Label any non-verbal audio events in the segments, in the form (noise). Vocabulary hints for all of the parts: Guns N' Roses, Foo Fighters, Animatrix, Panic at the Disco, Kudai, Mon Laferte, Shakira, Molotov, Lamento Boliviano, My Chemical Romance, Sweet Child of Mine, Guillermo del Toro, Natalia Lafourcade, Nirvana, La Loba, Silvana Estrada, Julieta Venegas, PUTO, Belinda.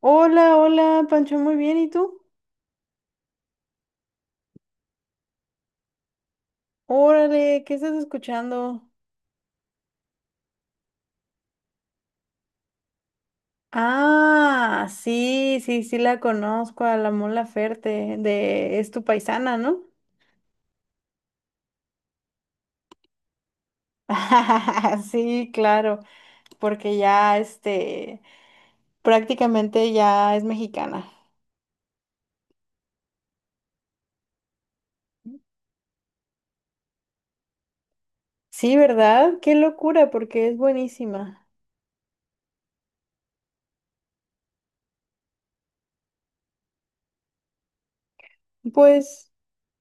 Hola, hola, Pancho, muy bien, ¿y tú? Órale, ¿qué estás escuchando? Ah, sí, sí, sí la conozco, a la Mola Ferte, de Es tu paisana, ¿no? (laughs) Sí, claro, porque ya, prácticamente ya es mexicana. Sí, ¿verdad? Qué locura, porque es buenísima. Pues,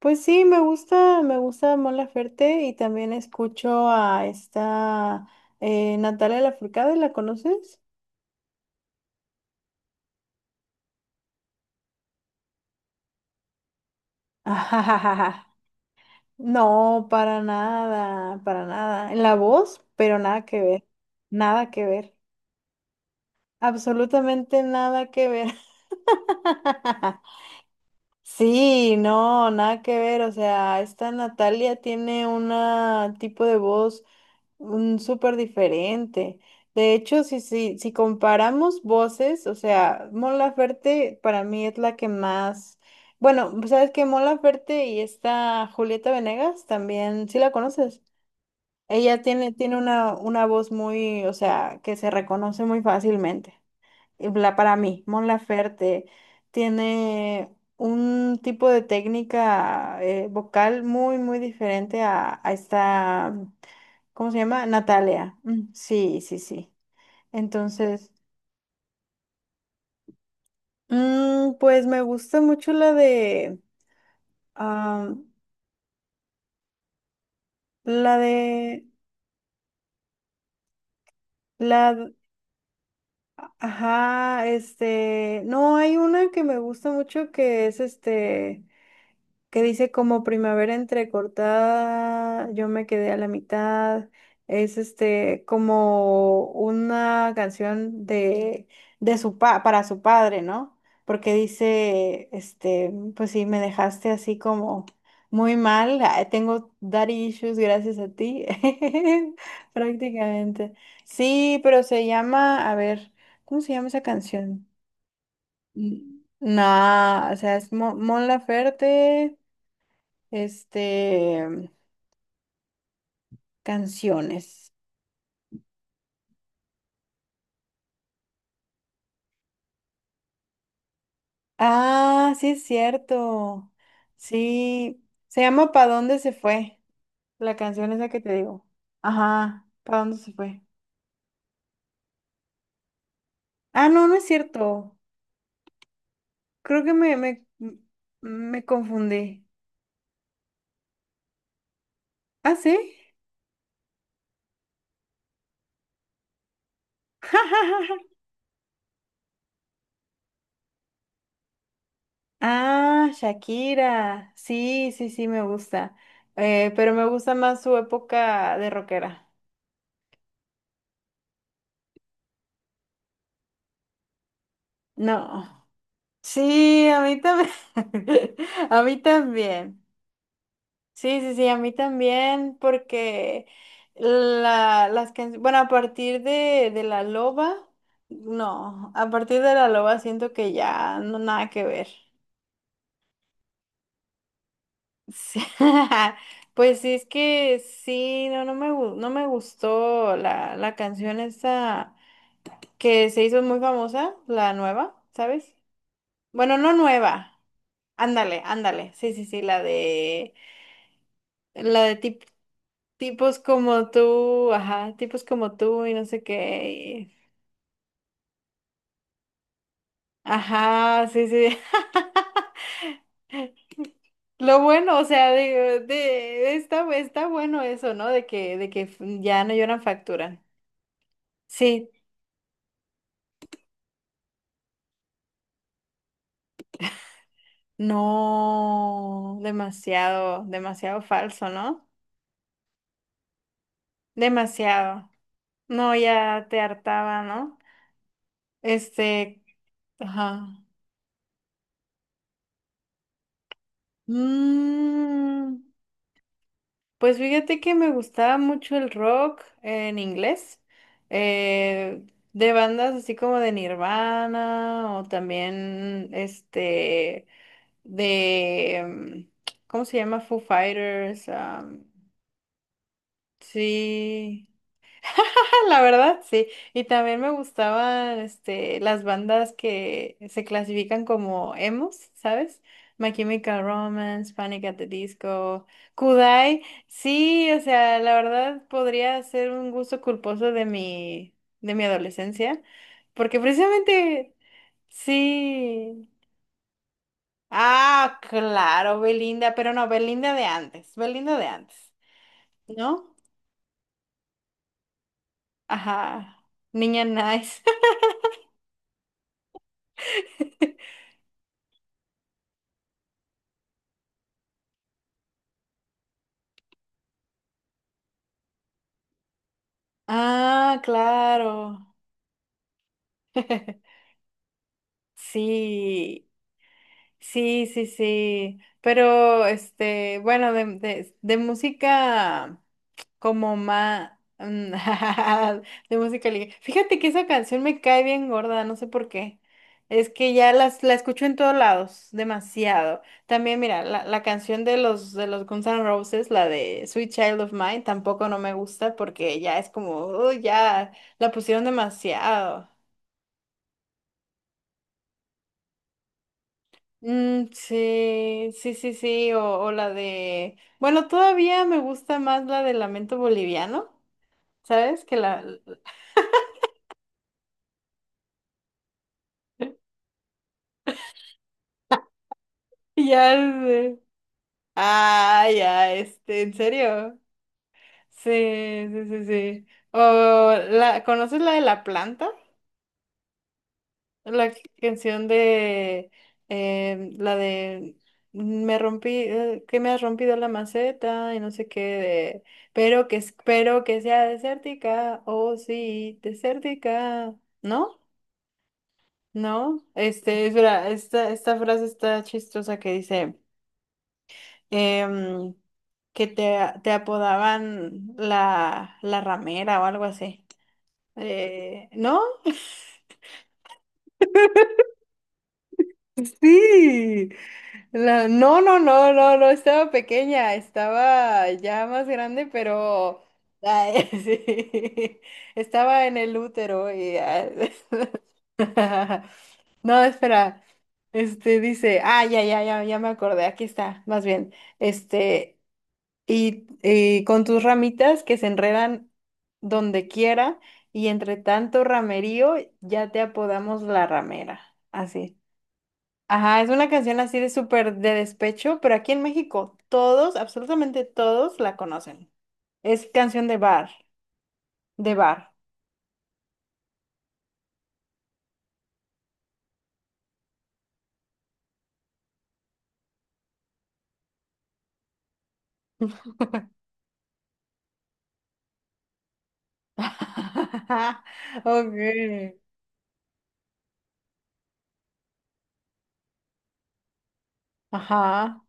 pues sí, me gusta Mon Laferte y también escucho a esta Natalia Lafourcade, ¿la conoces? (laughs) Ajajaja. No, para nada, para nada. En la voz, pero nada que ver. Nada que ver. Absolutamente nada que ver. (laughs) Sí, no, nada que ver. O sea, esta Natalia tiene un tipo de voz. Súper diferente. De hecho, si comparamos voces, o sea, Mon Laferte para mí es la que más. Bueno, pues, sabes que Mon Laferte y esta Julieta Venegas también, sí la conoces. Ella tiene una voz muy, o sea, que se reconoce muy fácilmente para mí, Mon Laferte tiene un tipo de técnica vocal muy, muy diferente a esta, ¿cómo se llama? Natalia. Mm, sí, sí, sí. Entonces, pues me gusta mucho la de, ah, la de, la, d- ajá, no, hay una que me gusta mucho que es este... que dice como primavera entrecortada, yo me quedé a la mitad. Es este como una canción de para su padre, ¿no? Porque dice, pues sí, me dejaste así como muy mal. Tengo daddy issues gracias a ti. (laughs) Prácticamente. Sí, pero se llama, a ver, ¿cómo se llama esa canción? Mm, no, o sea, es Mon Laferte. Este, Canciones. Ah, sí es cierto. Sí, se llama ¿Pa dónde se fue? La canción esa que te digo. Ajá, ¿Pa dónde se fue? Ah, no, no es cierto. Creo que me confundí. Ah, sí. (laughs) Ah, Shakira. Sí, sí, sí, me gusta. Pero me gusta más su época de rockera. No. Sí, a mí también. (laughs) A mí también. Sí, sí, sí, a mí también, porque las canciones, bueno, a partir de La Loba, no, a partir de La Loba siento que ya no nada que ver. Sí. (laughs) Pues sí, es que sí, no, no me gustó la canción esta que se hizo muy famosa, la nueva, ¿sabes? Bueno, no nueva. Ándale, ándale. Sí, sí, sí, la de... La de tipos como tú, ajá, tipos como tú y no sé qué. Ajá, sí, sí. (laughs) Lo bueno, o sea, está bueno eso, ¿no? De que ya no lloran, facturan. Sí, no, demasiado, demasiado falso, ¿no? Demasiado. No, ya te hartaba, ¿no? Este, ajá. Mm. Pues fíjate que me gustaba mucho el rock en inglés, eh, de bandas así como de Nirvana o también este de, ¿cómo se llama? Foo Fighters. Sí. La verdad, sí. Y también me gustaban las bandas que se clasifican como emos, ¿sabes? My Chemical Romance, Panic at the Disco, Kudai. Sí, o sea, la verdad podría ser un gusto culposo de mi, adolescencia, porque precisamente, sí. Ah, claro, Belinda, pero no, Belinda de antes, ¿no? Ajá, niña nice. (laughs) Ah, claro. (laughs) Sí, sí, sí, sí. Pero, bueno, de música como más... (laughs) de música ligera. Fíjate que esa canción me cae bien gorda, no sé por qué. Es que ya la escucho en todos lados, demasiado. También, mira, la canción de los Guns N' Roses, la de Sweet Child of Mine, tampoco no me gusta porque ya es como, "Uy, ya la pusieron demasiado. Mm, sí, sí, sí, sí, o la de... Bueno, todavía me gusta más la de Lamento Boliviano, ¿sabes? Que la... (laughs) Ya sé. Ah, ya, ¿en serio? Sí, sí, sí, sí. O la... ¿Conoces la de la planta? La canción de la de "Mm, me rompí, que me has rompido la maceta y no sé qué de, pero que espero que sea desértica, oh sí, desértica, ¿no? No, espera, esta frase está chistosa que dice em, que te apodaban la ramera o algo así. ¿No? (laughs) Sí. No, no, no, no, no estaba pequeña, estaba ya más grande, pero ay, (laughs) sí, estaba en el útero y (laughs) no, espera. Este dice, ya, ya, ya, ya me acordé, aquí está, más bien. Este, y con tus ramitas que se enredan donde quiera, y entre tanto ramerío, ya te apodamos la ramera. Así. Ajá, es una canción así de súper de despecho, pero aquí en México todos, absolutamente todos la conocen. Es canción de bar, de bar. (laughs) Ok, ajá.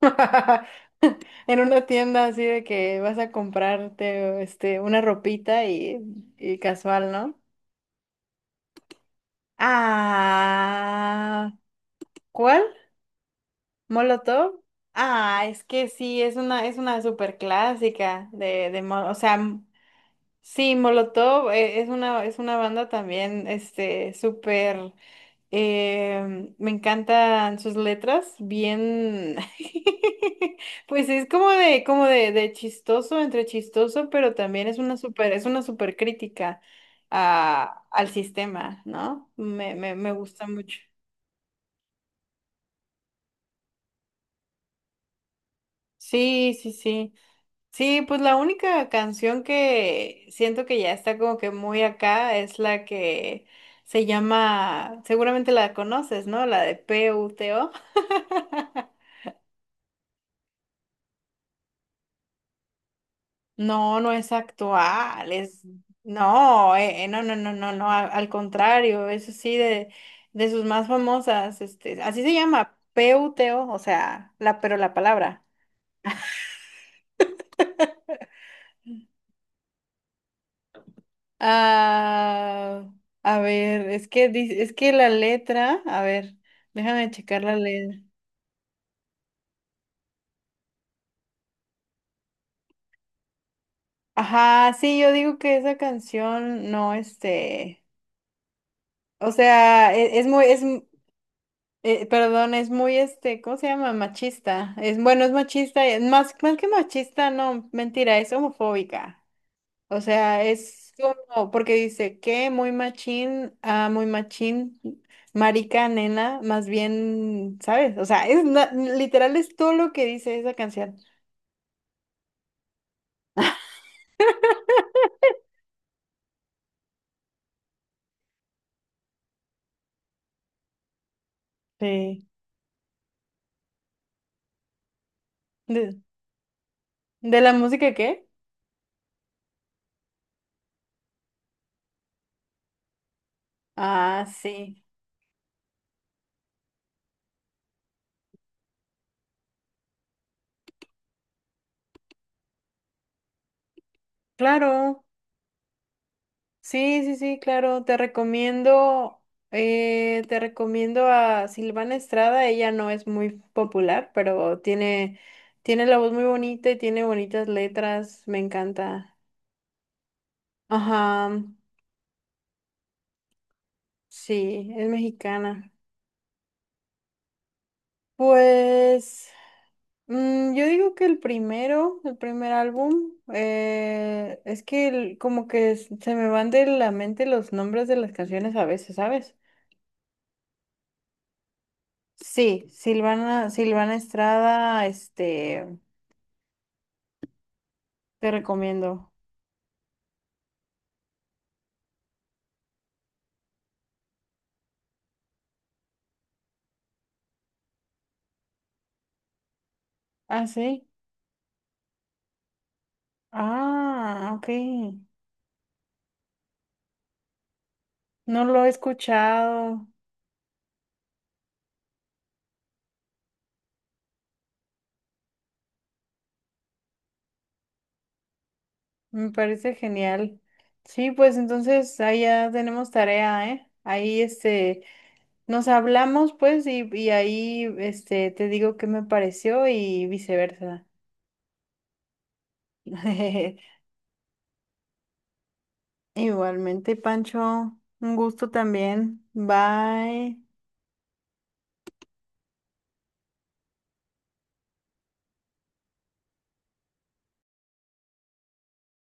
(laughs) En una tienda así de que vas a comprarte una ropita y casual, ¿no? Ah, ¿cuál? ¿Molotov? Ah, es que sí, es una súper clásica o sea... Sí, Molotov es una banda también, súper, me encantan sus letras, bien, (laughs) pues es como de chistoso, entre chistoso, pero también es una súper crítica al sistema, ¿no? Me gusta mucho. Sí, sí, sí. Sí, pues la única canción que siento que ya está como que muy acá es la que se llama, seguramente la conoces, ¿no? La de PUTO. No, no es actual, es, no, no, no, no, no, no, al contrario, eso sí, de sus más famosas, así se llama, PUTO, o sea, la, pero la palabra. Ah, a ver, es que, es que la letra, a ver, déjame checar la letra. Ajá, sí, yo digo que esa canción no, o sea, es, muy, perdón, es muy, ¿cómo se llama? Machista. Es, bueno, es machista, es más, más que machista, no, mentira, es homofóbica. O sea, es como, porque dice que muy machín, muy machín, marica, nena, más bien, ¿sabes? O sea, literal es todo lo que dice esa canción. Sí. ¿De, de la música qué? Ah, sí, claro. Sí, sí, sí, claro. Te recomiendo a Silvana Estrada. Ella no es muy popular, pero tiene la voz muy bonita y tiene bonitas letras. Me encanta. Ajá, sí, es mexicana. Pues, yo digo que el primero, el primer álbum, es que como que se me van de la mente los nombres de las canciones a veces, ¿sabes? Sí, Silvana Estrada, te recomiendo. Ah, sí. Ah, ok. No lo he escuchado. Me parece genial. Sí, pues entonces ahí ya tenemos tarea, ¿eh? Ahí, nos hablamos, pues, y ahí, te digo qué me pareció y viceversa. (laughs) Igualmente, Pancho, un gusto también. Bye.